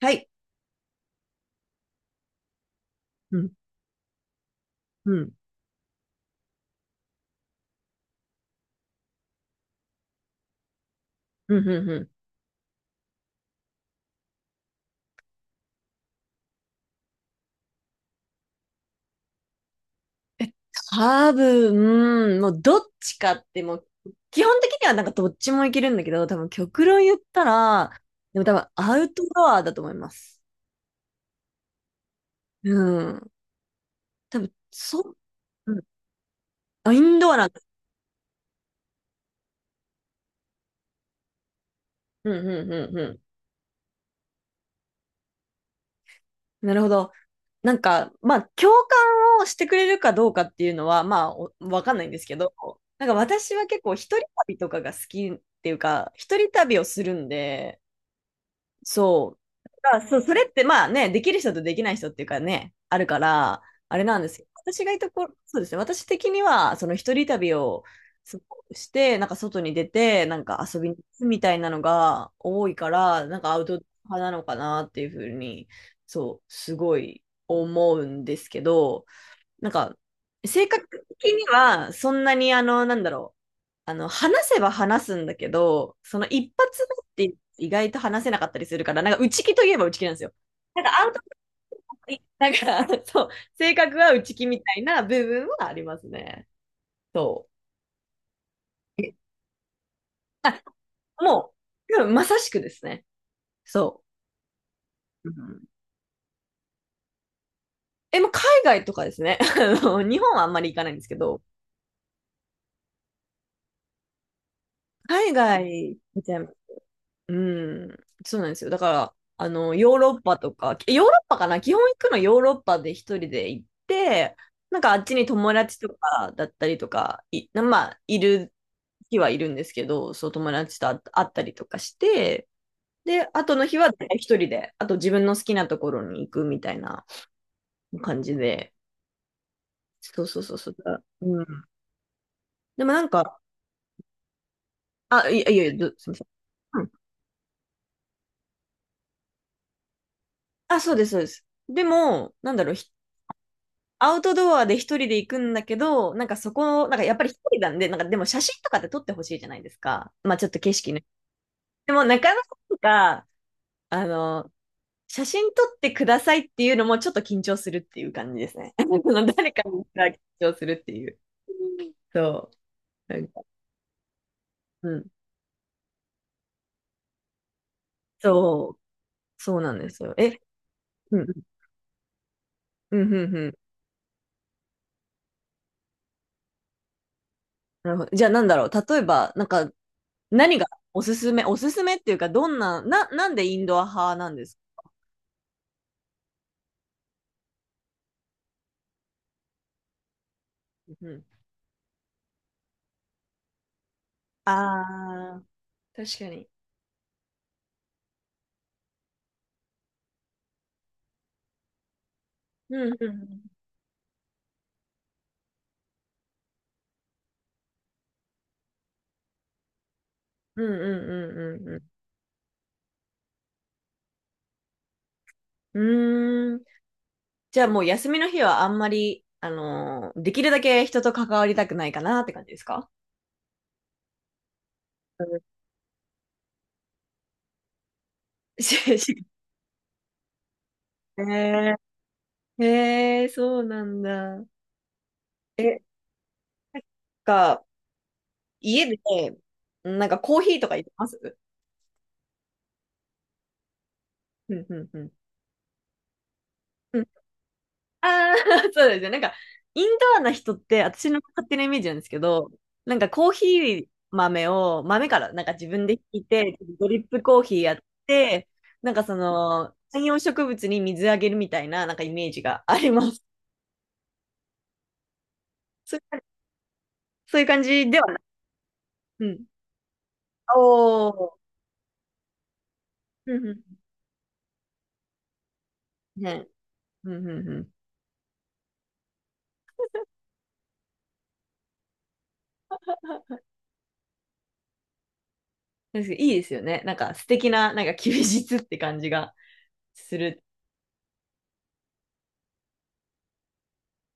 はい。うん、うん、うん、うん。うん。多分、もうどっちかってもう、基本的にはなんかどっちもいけるんだけど、多分極論言ったら、でも多分アウトドアだと思います。うん。多分、そう、うん。あ、インドアなんだ。うん、うん、うん、うん。なるほど。なんか、まあ、共感をしてくれるかどうかっていうのは、まあ、おわかんないんですけど、なんか私は結構一人旅とかが好きっていうか、一人旅をするんで、そう。だから、そう、それってまあね、できる人とできない人っていうかね、あるから、あれなんですけど、私がいた頃、そうですね、私的には、その一人旅をすごくして、なんか外に出て、なんか遊びに行くみたいなのが多いから、なんかアウトドア派なのかなっていうふうに、そう、すごい思うんですけど、なんか、性格的には、そんなに、あの、なんだろう。話せば話すんだけど、その一発目って意外と話せなかったりするから、なんか内気といえば内気なんですよ。なんかアウトプットなんか、そう、性格は内気みたいな部分はありますね。そう。あ、もう、多分まさしくですね。そう。うん。もう海外とかですね。あの、日本はあんまり行かないんですけど、海外ゃうん、そうなんですよ。だから、ヨーロッパとか、ヨーロッパかな、基本行くのヨーロッパで一人で行って、なんかあっちに友達とかだったりとか、まあ、いる日はいるんですけど、そう友達と会ったりとかして、で、後の日は大体一人で、あと自分の好きなところに行くみたいな感じで、そうそうそうそう。うん。でもなんか、あ、いやいや、すみません。うん。あ、そうです、そうです。でも、なんだろう、アウトドアで一人で行くんだけど、なんかそこ、なんかやっぱり一人なんで、なんかでも写真とかって撮ってほしいじゃないですか。まあちょっと景色ね。でもなかなか、あの、写真撮ってくださいっていうのもちょっと緊張するっていう感じですね。誰かが緊張するっていう。そう。なんか、うん。そう。そうなんですよ。うん、うん、うん、うん。なるほど。じゃあなんだろう。例えば、なんか、何がおすすめ、おすすめっていうか、どんな、なんでインドア派なんですか？うん。ああ、確かに。うんうんうんうんうんうんうん。うーん。じゃあもう休みの日はあんまり、できるだけ人と関わりたくないかなって感じですか？うん。ししえー、えー、そうなんだ。え、なんか、家で、なんかコーヒーとか入れます？うんうんうん。ああ、そうですよ。なんか、インドアな人って、私の勝手なイメージなんですけど、なんかコーヒー豆を、豆から、なんか自分でひいて、ドリップコーヒーやって、なんかその、観葉植物に水あげるみたいな、なんかイメージがあります。そそういう感じではない。うん。おー。うんうん。ね。うんうんうん。ですけどいいですよね。なんか素敵な、なんか休日って感じがする。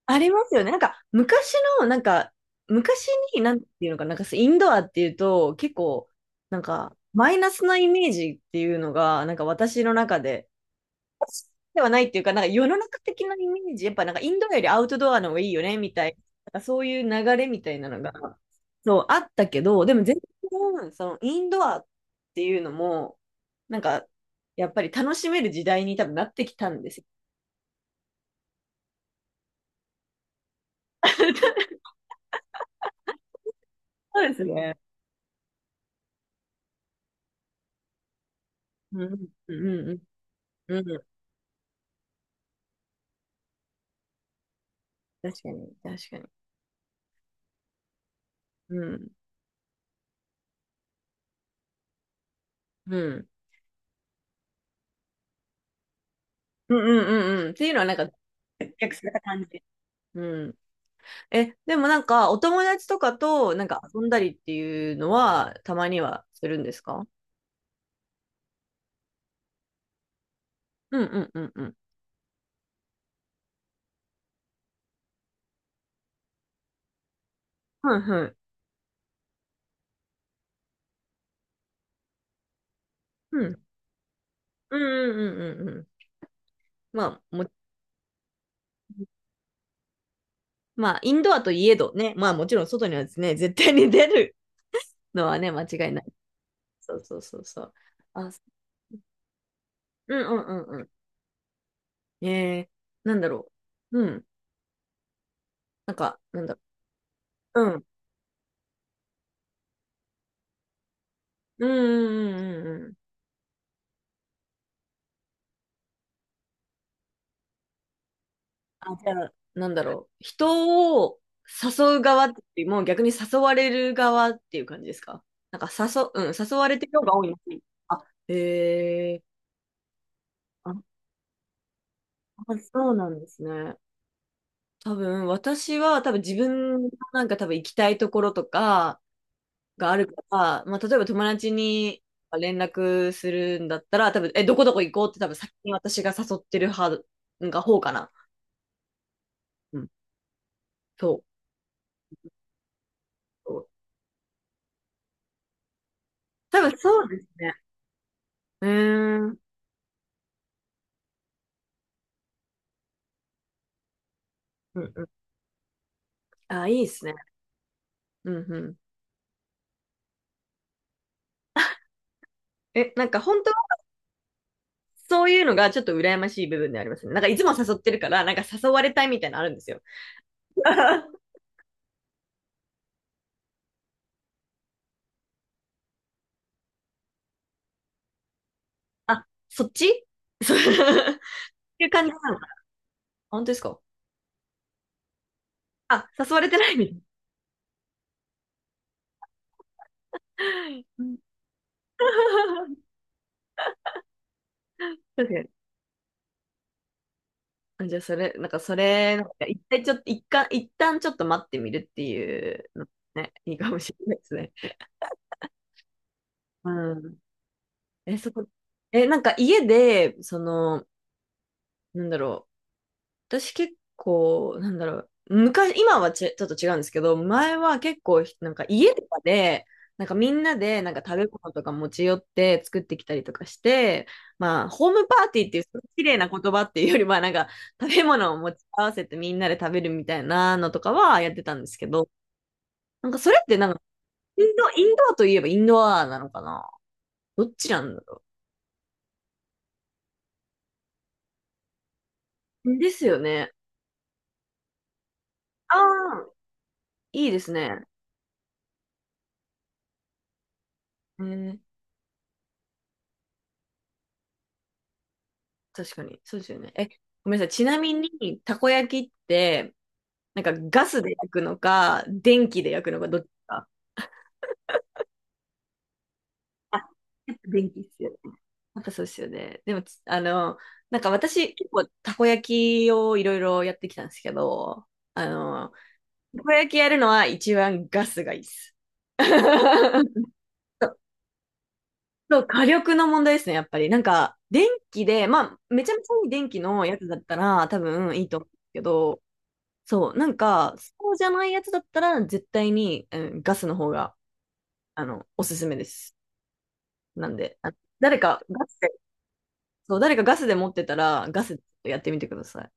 ありますよね。なんか、昔の、なんか、昔に、なんていうのかな、なんか、インドアっていうと、結構、なんか、マイナスなイメージっていうのが、なんか私の中で、ではないっていうか、なんか世の中的なイメージ、やっぱなんかインドアよりアウトドアの方がいいよね、みたいな、なんかそういう流れみたいなのが、そう、あったけど、でも全然、その、インドアっていうのも、なんか、やっぱり楽しめる時代に多分なってきたんですよ。そうですね。うん、うん、うん。うん。確かに、確かに。うん。うん。うんうんうんうん。っていうのはなんか、接客された感じ。うん。え、でもなんか、お友達とかと、なんか遊んだりっていうのは、たまにはするんですか？うんうんうんうん。はいはい。うん。うんうんうんうんうん。まあ、インドアといえどね、まあもちろん外にはですね、絶対に出るのはね、間違いない。そうそうそうそう。あ、うんうんうんうん。なんだろう。うん。なんか、なんだろう。うんうんうんうんうん。あ、じゃあ、なんだろう。人を誘う側っていうよりも逆に誘われる側っていう感じですか？なんかうん、誘われてる方が多いな。あ、へえ。あ、そうなんですね。多分、私は多分自分のなんか多分行きたいところとかがあるから、まあ、例えば友達に連絡するんだったら、多分、どこどこ行こうって多分先に私が誘ってる派、なんか方かな。うん、そう。そう。多分そうですね。うーん、うんうん。あ、いいですね。うんうん。え、なんか本当はそういうのがちょっと羨ましい部分でありますね。なんかいつも誘ってるから、なんか誘われたいみたいなのあるんですよ。あ、そっちそう っていう感じなのか。本当ですか？あ、誘われてないみたいな。うん 確かに。あ、じゃあ、それ、なんか、それ、なんか一回ちょっと、一旦ちょっと待ってみるっていうのね、いいかもしれないですね。うん。え、そこ、なんか家で、その、なんだろう。私結構、なんだろう、昔、今はちょっと違うんですけど、前は結構、なんか家とかで、なんかみんなで、なんか食べ物とか持ち寄って作ってきたりとかして、まあ、ホームパーティーっていう、その綺麗な言葉っていうよりは、なんか食べ物を持ち合わせてみんなで食べるみたいなのとかはやってたんですけど、なんかそれってなんか、インドアといえばインドアなのかな？どっちなんだろう。ですよね。ああ、いいですね。えー確かに。そうですよね。え、ごめんなさい。ちなみに、たこ焼きって、なんかガスで焼くのか、電気で焼くのか、どっちか？あ、やっぱ電気っすよね。やっぱそうですよね。でも、つあの、なんか私、結構たこ焼きをいろいろやってきたんですけど、あの、たこ焼きやるのは一番ガスがいいです。そう、火力の問題ですね、やっぱり。なんか、電気で、まあ、めちゃめちゃいい電気のやつだったら、多分いいと思うんですけど、そう、なんか、そうじゃないやつだったら、絶対に、うん、ガスの方が、おすすめです。なんで、あ、誰か、ガスで、そう、誰かガスで持ってたら、ガスやってみてください。